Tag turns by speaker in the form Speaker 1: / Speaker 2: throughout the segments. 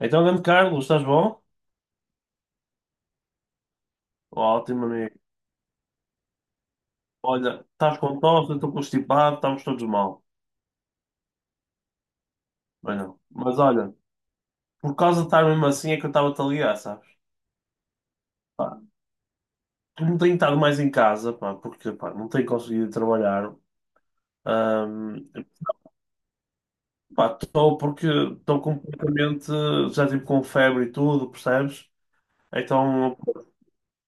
Speaker 1: Então, grande Carlos, estás bom? Ótimo, amigo. Olha, estás com tosse, eu estou constipado, estamos todos mal. Mas não. Mas olha, por causa de estar mesmo assim é que eu estava-te a ligar, sabes? Eu não tenho estado mais em casa, pá, porque pá, não tenho conseguido trabalhar. Ahm, pá, estou porque estou completamente, já tipo com febre e tudo, percebes? Então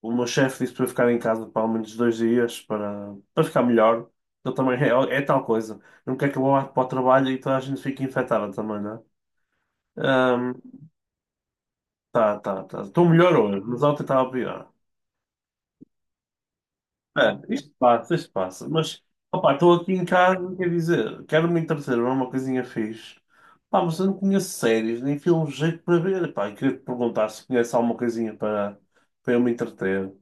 Speaker 1: o meu chefe disse para eu ficar em casa para ao menos 2 dias para ficar melhor. Eu também é, é tal coisa. Não quer que eu vá para o trabalho e toda a gente fique infectada também, né? Ahm, tá. Estou melhor hoje, mas ontem estava pior. É, isto passa, isto passa. Mas, opá, estou aqui em casa, quer dizer, quero me entreter, não é uma coisinha fixe. Pá, mas eu não conheço séries, nem filmes de jeito para ver. Pá, e queria te perguntar se conhece alguma coisinha para eu me entreter.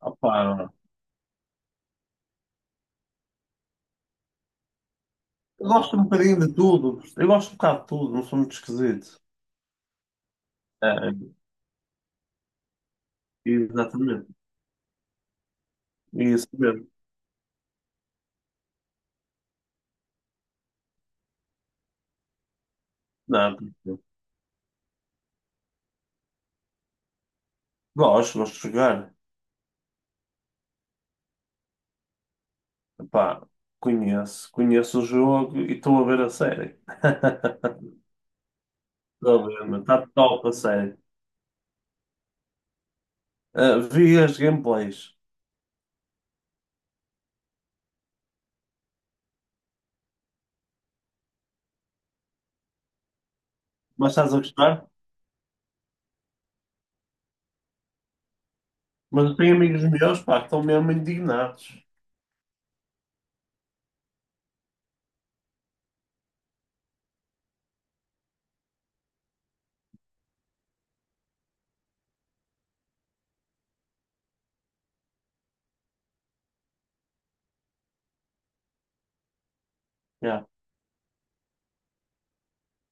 Speaker 1: Opá, eu gosto um bocadinho de tudo. Eu gosto um bocado de tudo, não sou muito esquisito. É, exatamente. Isso mesmo. Não, gosto de jogar. Pá, conheço o jogo e estou a ver a série. Estou a ver, está top a série. Ah, vi as gameplays, mas estás a gostar? Mas eu tenho amigos meus, pá, que estão mesmo indignados. Já,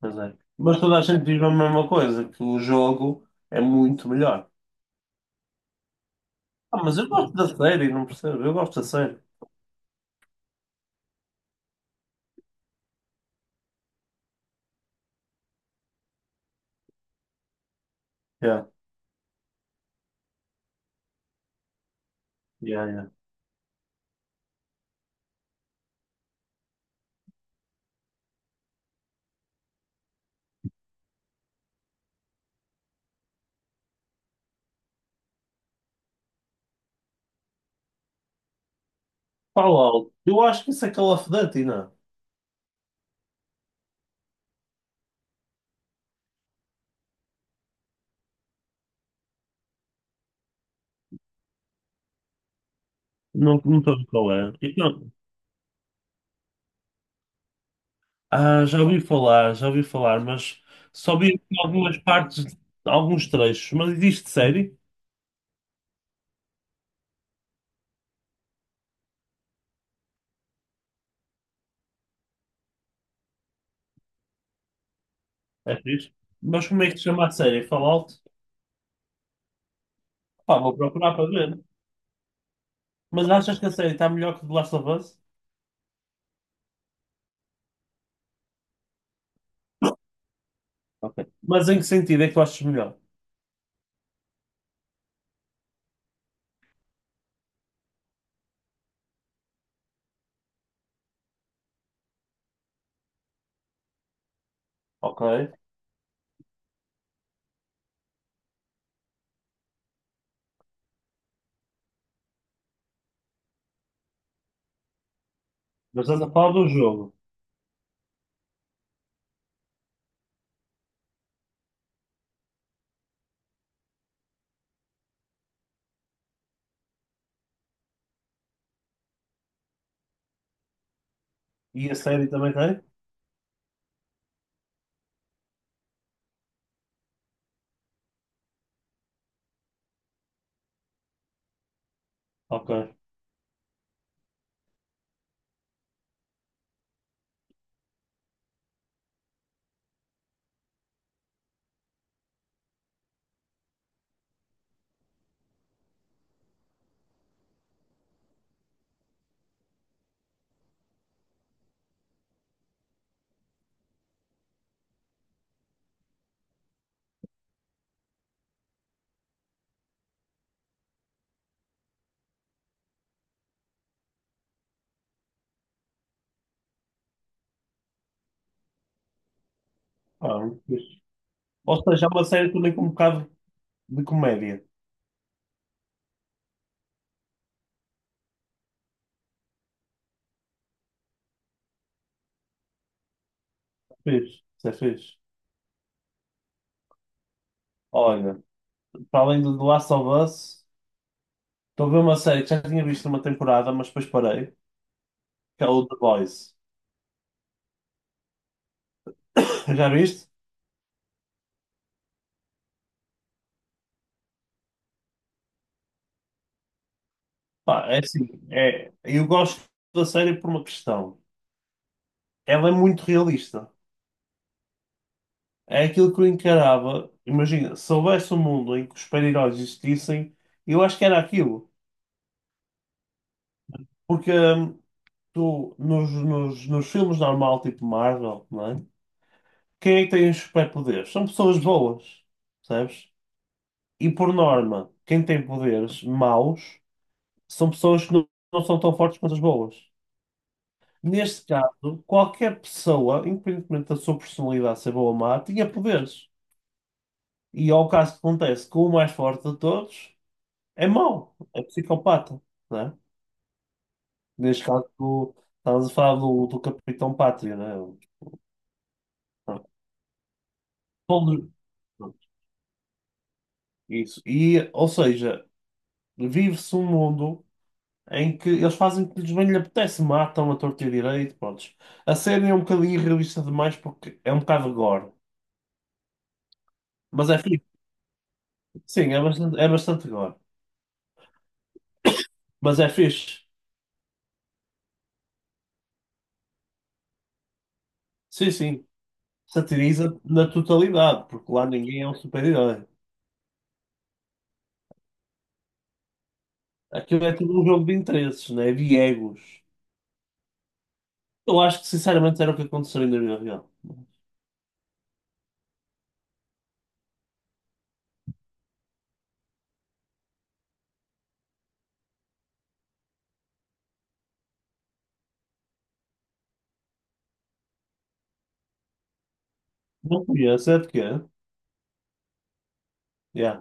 Speaker 1: pois é. Mas toda a gente diz a mesma coisa, que o jogo é muito melhor. Ah, mas eu gosto da série, não percebo? Eu gosto da série. Já, já, já. Fala eu acho que isso é Call of Duty, não? É? Não, não estou a ver qual é. Então, ah, já ouvi falar, mas só vi aqui algumas partes, alguns trechos. Mas existe série? É fixe. Mas como é que se chama a série? Fallout? Pá, vou procurar para ver. Mas achas que a série está melhor que The Last of Us? Ok. Mas em que sentido é que tu achas melhor? Ok. Mas estás a falar do jogo. E a série também tem? Ok. Ah, ou seja, é uma série também com um bocado de comédia. Fiz, isso é fixe. Olha, para além do The Last of Us, estou a ver uma série que já tinha visto uma temporada, mas depois parei, que é o The Boys. Já viste? Pá, é assim, é, eu gosto da série por uma questão. Ela é muito realista. É aquilo que eu encarava. Imagina, se houvesse um mundo em que os super-heróis existissem, eu acho que era aquilo. Porque tu, nos filmes normal, tipo Marvel, não é? Quem é que tem os superpoderes? São pessoas boas, percebes? E por norma, quem tem poderes maus são pessoas que não, não são tão fortes quanto as boas. Neste caso, qualquer pessoa, independentemente da sua personalidade ser boa ou má, tinha poderes. E ao caso que acontece que o mais forte de todos é mau, é psicopata, né? Neste caso, tu estás a falar do Capitão Pátria, né? Pronto. Todos- pronto, isso. E, ou seja, vive-se um mundo em que eles fazem o que lhes bem lhe apetece, matam a torta e a direito, pronto. A série é um bocadinho irrealista demais porque é um bocado gore, mas é fixe. Sim, é bastante gore, mas é fixe. Sim, sim, satiriza na totalidade, porque lá ninguém é um super-herói. Aquilo é tudo um jogo de interesses, né? De egos. Eu acho que sinceramente era o que aconteceria na vida real. Não conheço, é de quê? Yeah.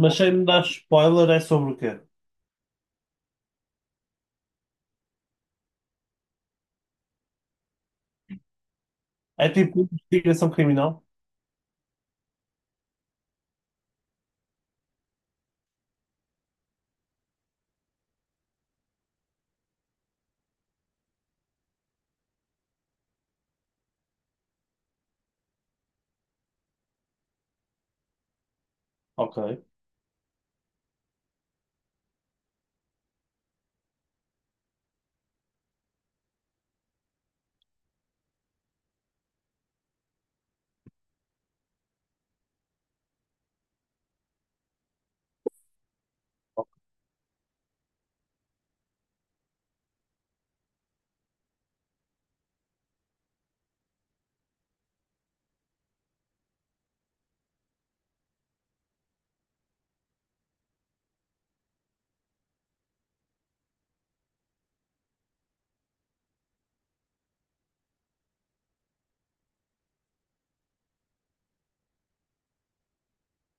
Speaker 1: Mas sem me dar spoiler, é sobre o quê? É tipo investigação criminal? Ok.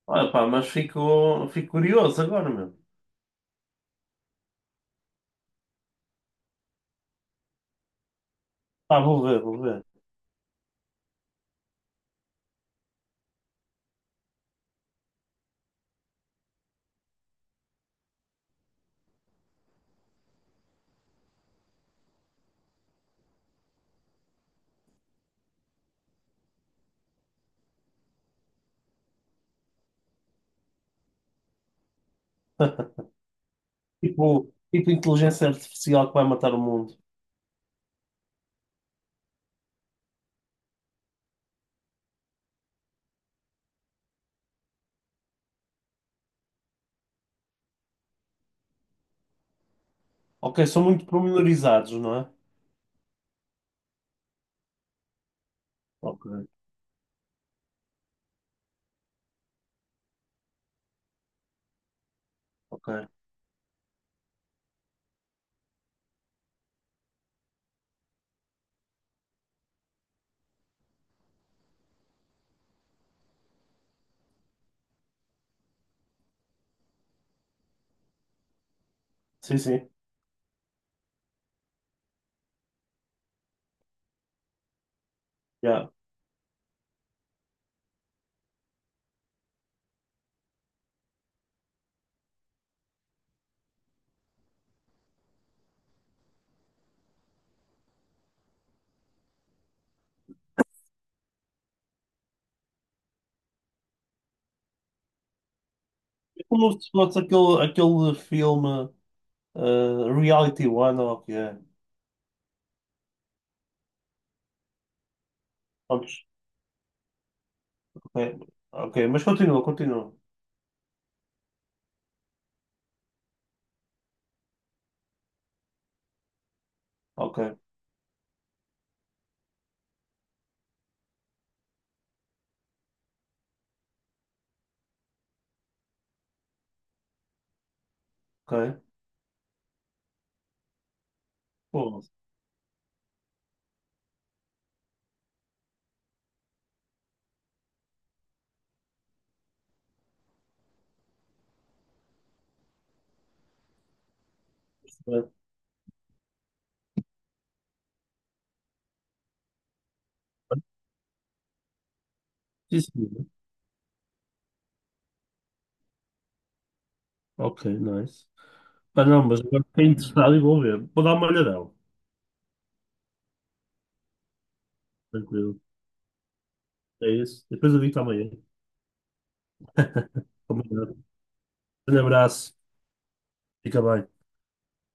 Speaker 1: Olha, pá, mas fico curioso agora, meu. Pá, vou ver, vou ver. Tipo, tipo inteligência artificial que vai matar o mundo. Ok, são muito promenorizados, não é? Ok, ok. Sim, sim. Yeah. É como se fosse aquele, aquele filme eh, Reality One, ou o que é. Prontos, ok, ok, mas continua, continua. Ok, ok. Pô, é. Sim, sim. Ok, nice. Pá, não, mas agora fiquei interessado e vou ver. Vou dar uma olhadela. Tranquilo. É isso. Depois eu digo amanhã. Combinado. Um abraço. Fica bem.